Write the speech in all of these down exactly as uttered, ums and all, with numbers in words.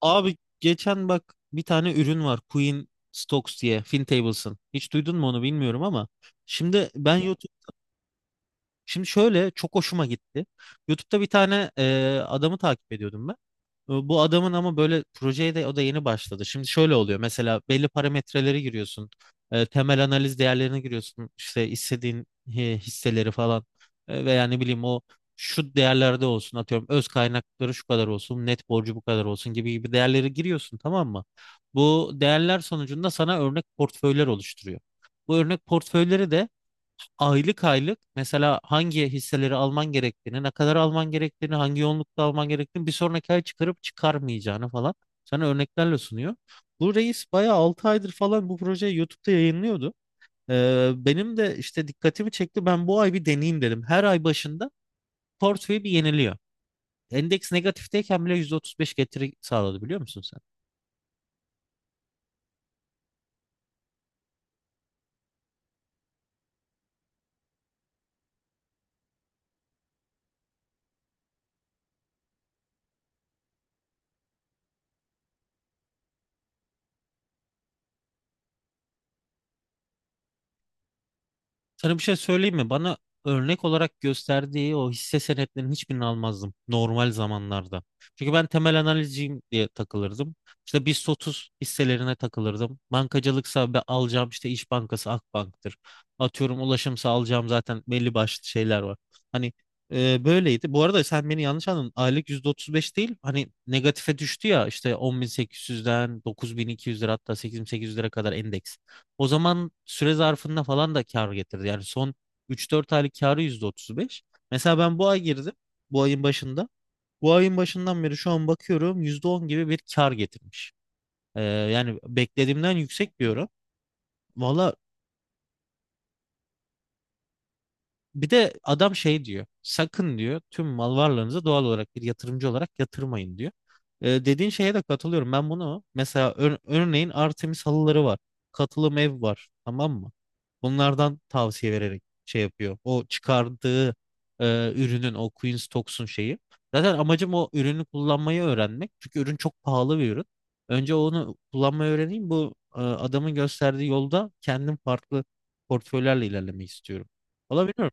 Abi geçen bak bir tane ürün var Queen Stocks diye Fintables'ın. Hiç duydun mu onu bilmiyorum ama şimdi ben YouTube şimdi şöyle çok hoşuma gitti. YouTube'da bir tane e, adamı takip ediyordum ben. E, Bu adamın ama böyle projeye de o da yeni başladı. Şimdi şöyle oluyor. Mesela belli parametreleri giriyorsun. E, temel analiz değerlerini giriyorsun. İşte istediğin e, hisseleri falan. E, veya ne bileyim o şu değerlerde olsun, atıyorum öz kaynakları şu kadar olsun, net borcu bu kadar olsun gibi gibi değerleri giriyorsun, tamam mı? Bu değerler sonucunda sana örnek portföyler oluşturuyor. Bu örnek portföyleri de aylık aylık mesela hangi hisseleri alman gerektiğini, ne kadar alman gerektiğini, hangi yoğunlukta alman gerektiğini, bir sonraki ay çıkarıp çıkarmayacağını falan sana örneklerle sunuyor. Bu reis bayağı altı aydır falan bu projeyi YouTube'da yayınlıyordu. Ee, benim de işte dikkatimi çekti. Ben bu ay bir deneyeyim dedim. Her ay başında portföyü bir yeniliyor. Endeks negatifteyken bile yüzde otuz beş getiri sağladı, biliyor musun sen? Sana bir şey söyleyeyim mi? Bana örnek olarak gösterdiği o hisse senetlerinin hiçbirini almazdım normal zamanlarda. Çünkü ben temel analizciyim diye takılırdım. İşte BIST otuz hisselerine takılırdım. Bankacılıksa be alacağım, işte İş Bankası, Akbank'tır. Atıyorum ulaşımsa alacağım, zaten belli başlı şeyler var. Hani e, böyleydi. Bu arada sen beni yanlış anladın. Aylık yüzde otuz beş değil. Hani negatife düştü ya, işte on bin sekiz yüzden dokuz bin iki yüz lira, hatta sekiz bin sekiz yüz lira kadar endeks. O zaman süre zarfında falan da kar getirdi. Yani son üç dört aylık karı yüzde otuz beş. Mesela ben bu ay girdim. Bu ayın başında. Bu ayın başından beri şu an bakıyorum yüzde on gibi bir kar getirmiş. Ee, yani beklediğimden yüksek bir oran. Valla, bir de adam şey diyor. Sakın diyor tüm mal varlığınızı doğal olarak bir yatırımcı olarak yatırmayın diyor. Ee, dediğin şeye de katılıyorum. Ben bunu mesela ör- örneğin Artemis halıları var. Katılım ev var. Tamam mı? Bunlardan tavsiye vererek şey yapıyor. O çıkardığı e, ürünün o Queen's Talks'un şeyi. Zaten amacım o ürünü kullanmayı öğrenmek. Çünkü ürün çok pahalı bir ürün. Önce onu kullanmayı öğreneyim. Bu e, adamın gösterdiği yolda kendim farklı portföylerle ilerlemeyi istiyorum. Olabilir.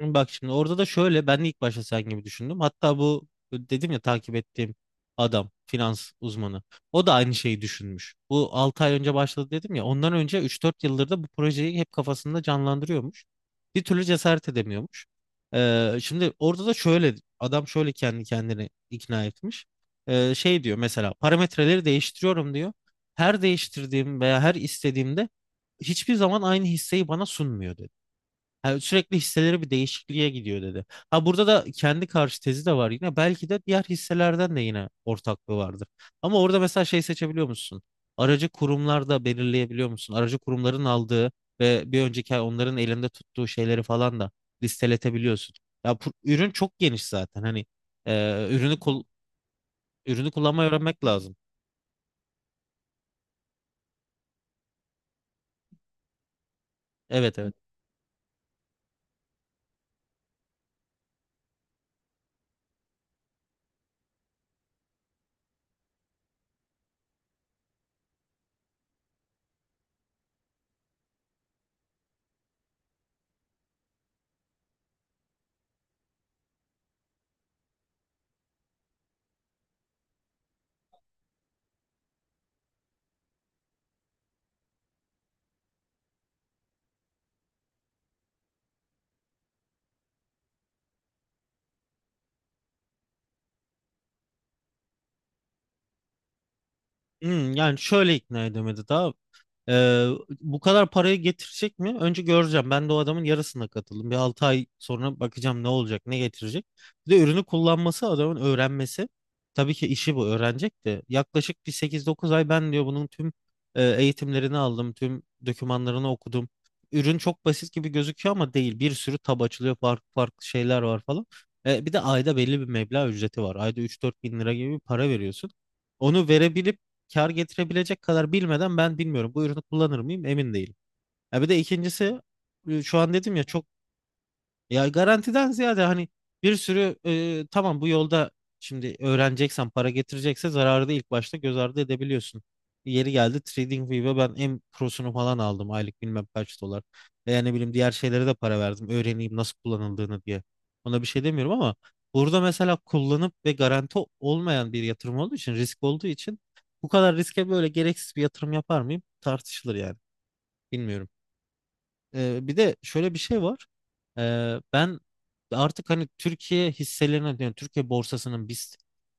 Bak şimdi orada da şöyle, ben de ilk başta sen gibi düşündüm. Hatta bu dedim ya, takip ettiğim adam finans uzmanı. O da aynı şeyi düşünmüş. Bu altı ay önce başladı dedim ya. Ondan önce üç dört yıldır da bu projeyi hep kafasında canlandırıyormuş. Bir türlü cesaret edemiyormuş. Ee, şimdi orada da şöyle adam şöyle kendi kendini ikna etmiş. Ee, şey diyor mesela, parametreleri değiştiriyorum diyor. Her değiştirdiğim veya her istediğimde hiçbir zaman aynı hisseyi bana sunmuyor diyor. Yani sürekli hisseleri bir değişikliğe gidiyor dedi. Ha burada da kendi karşı tezi de var yine. Belki de diğer hisselerden de yine ortaklığı vardır. Ama orada mesela şey seçebiliyor musun? Aracı kurumlar da belirleyebiliyor musun? Aracı kurumların aldığı ve bir önceki ay onların elinde tuttuğu şeyleri falan da listeletebiliyorsun. Ya, bu- ürün çok geniş zaten. Hani e, ürünü kul- ürünü kullanmayı öğrenmek lazım. Evet, evet. Hmm, yani şöyle ikna edemedi daha. Ee, Bu kadar parayı getirecek mi? Önce göreceğim. Ben de o adamın yarısına katıldım. Bir altı ay sonra bakacağım ne olacak, ne getirecek. Bir de ürünü kullanması, adamın öğrenmesi. Tabii ki işi bu, öğrenecek de. Yaklaşık bir sekiz dokuz ay ben diyor bunun tüm e, eğitimlerini aldım, tüm dokümanlarını okudum. Ürün çok basit gibi gözüküyor ama değil. Bir sürü tab açılıyor, farklı farklı şeyler var falan. E, bir de ayda belli bir meblağ ücreti var. Ayda üç dört bin lira gibi bir para veriyorsun. Onu verebilip kar getirebilecek kadar bilmeden ben, bilmiyorum bu ürünü kullanır mıyım, emin değilim. Ya bir de ikincisi e, şu an dedim ya çok. Ya garantiden ziyade hani bir sürü e, tamam, bu yolda şimdi öğreneceksen, para getirecekse zararı da ilk başta göz ardı edebiliyorsun. Yeri geldi TradingView'e ben en prosunu falan aldım aylık bilmem kaç dolar. Veya ne bileyim diğer şeylere de para verdim öğreneyim nasıl kullanıldığını diye. Ona bir şey demiyorum ama burada mesela kullanıp, ve garanti olmayan bir yatırım olduğu için, risk olduğu için bu kadar riske böyle gereksiz bir yatırım yapar mıyım tartışılır yani. Bilmiyorum. Ee, bir de şöyle bir şey var. Ee, ben artık hani Türkiye hisselerine, yani Türkiye borsasının biz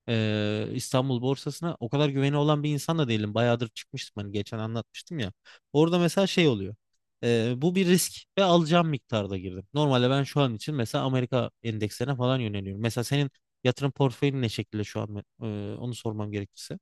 e, İstanbul borsasına o kadar güveni olan bir insan da değilim. Bayağıdır çıkmıştım, hani geçen anlatmıştım ya. Orada mesela şey oluyor. Ee, bu bir risk ve alacağım miktarda girdim. Normalde ben şu an için mesela Amerika endekslerine falan yöneliyorum. Mesela senin yatırım portföyün ne şekilde şu an? Ee, onu sormam gerekirse.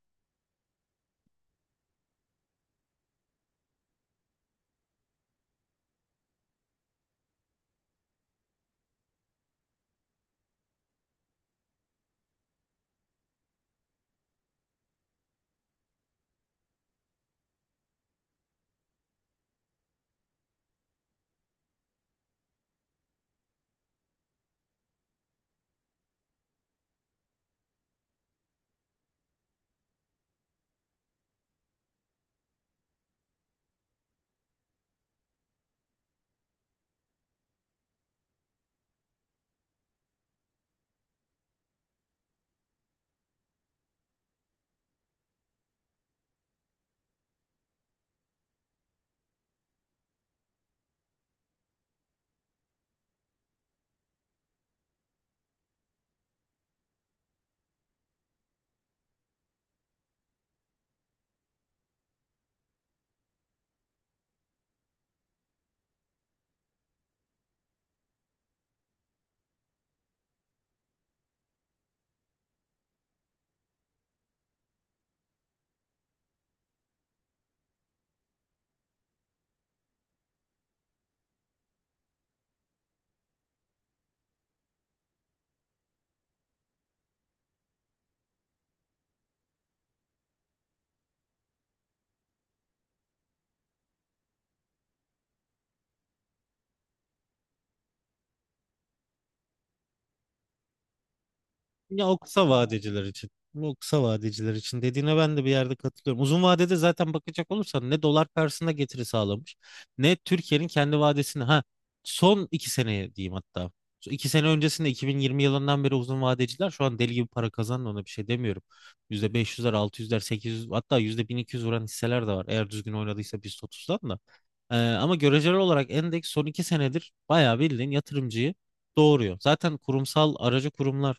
Ya o kısa vadeciler için. O kısa vadeciler için dediğine ben de bir yerde katılıyorum. Uzun vadede zaten bakacak olursan ne dolar karşısında getiri sağlamış, ne Türkiye'nin kendi vadesini, ha son iki seneye diyeyim hatta. Şu iki sene öncesinde iki bin yirmi yılından beri uzun vadeciler şu an deli gibi para kazandı, ona bir şey demiyorum. yüzde beş yüzler, altı yüzler, sekiz yüz, hatta yüzde bin iki yüz vuran hisseler de var. Eğer düzgün oynadıysa biz otuzdan da. Ee, ama göreceli olarak endeks son iki senedir bayağı bildiğin yatırımcıyı doğuruyor. Zaten kurumsal aracı kurumlar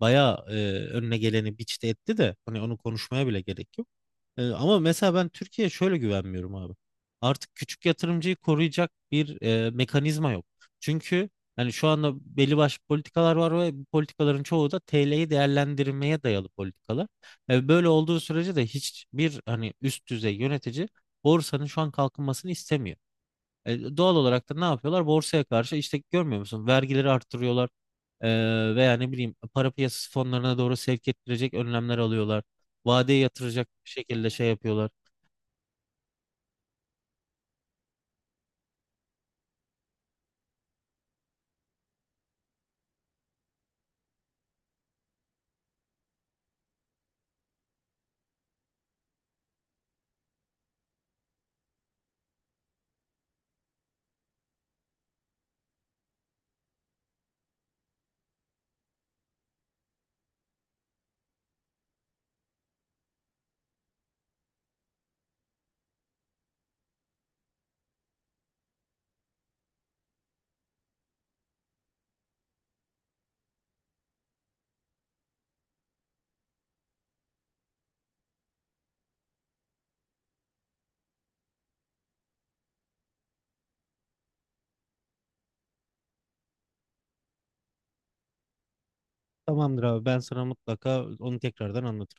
bayağı e, önüne geleni biçte etti de hani onu konuşmaya bile gerek yok. E, ama mesela ben Türkiye'ye şöyle güvenmiyorum abi. Artık küçük yatırımcıyı koruyacak bir e, mekanizma yok. Çünkü hani şu anda belli başlı politikalar var ve bu politikaların çoğu da T L'yi değerlendirmeye dayalı politikalar. E, böyle olduğu sürece de hiçbir, hani üst düzey yönetici borsanın şu an kalkınmasını istemiyor. E, doğal olarak da ne yapıyorlar? Borsaya karşı işte, görmüyor musun? Vergileri arttırıyorlar, ee, veya ne bileyim para piyasası fonlarına doğru sevk ettirecek önlemler alıyorlar. Vadeye yatıracak şekilde şey yapıyorlar. Tamamdır abi, ben sana mutlaka onu tekrardan anlatırım.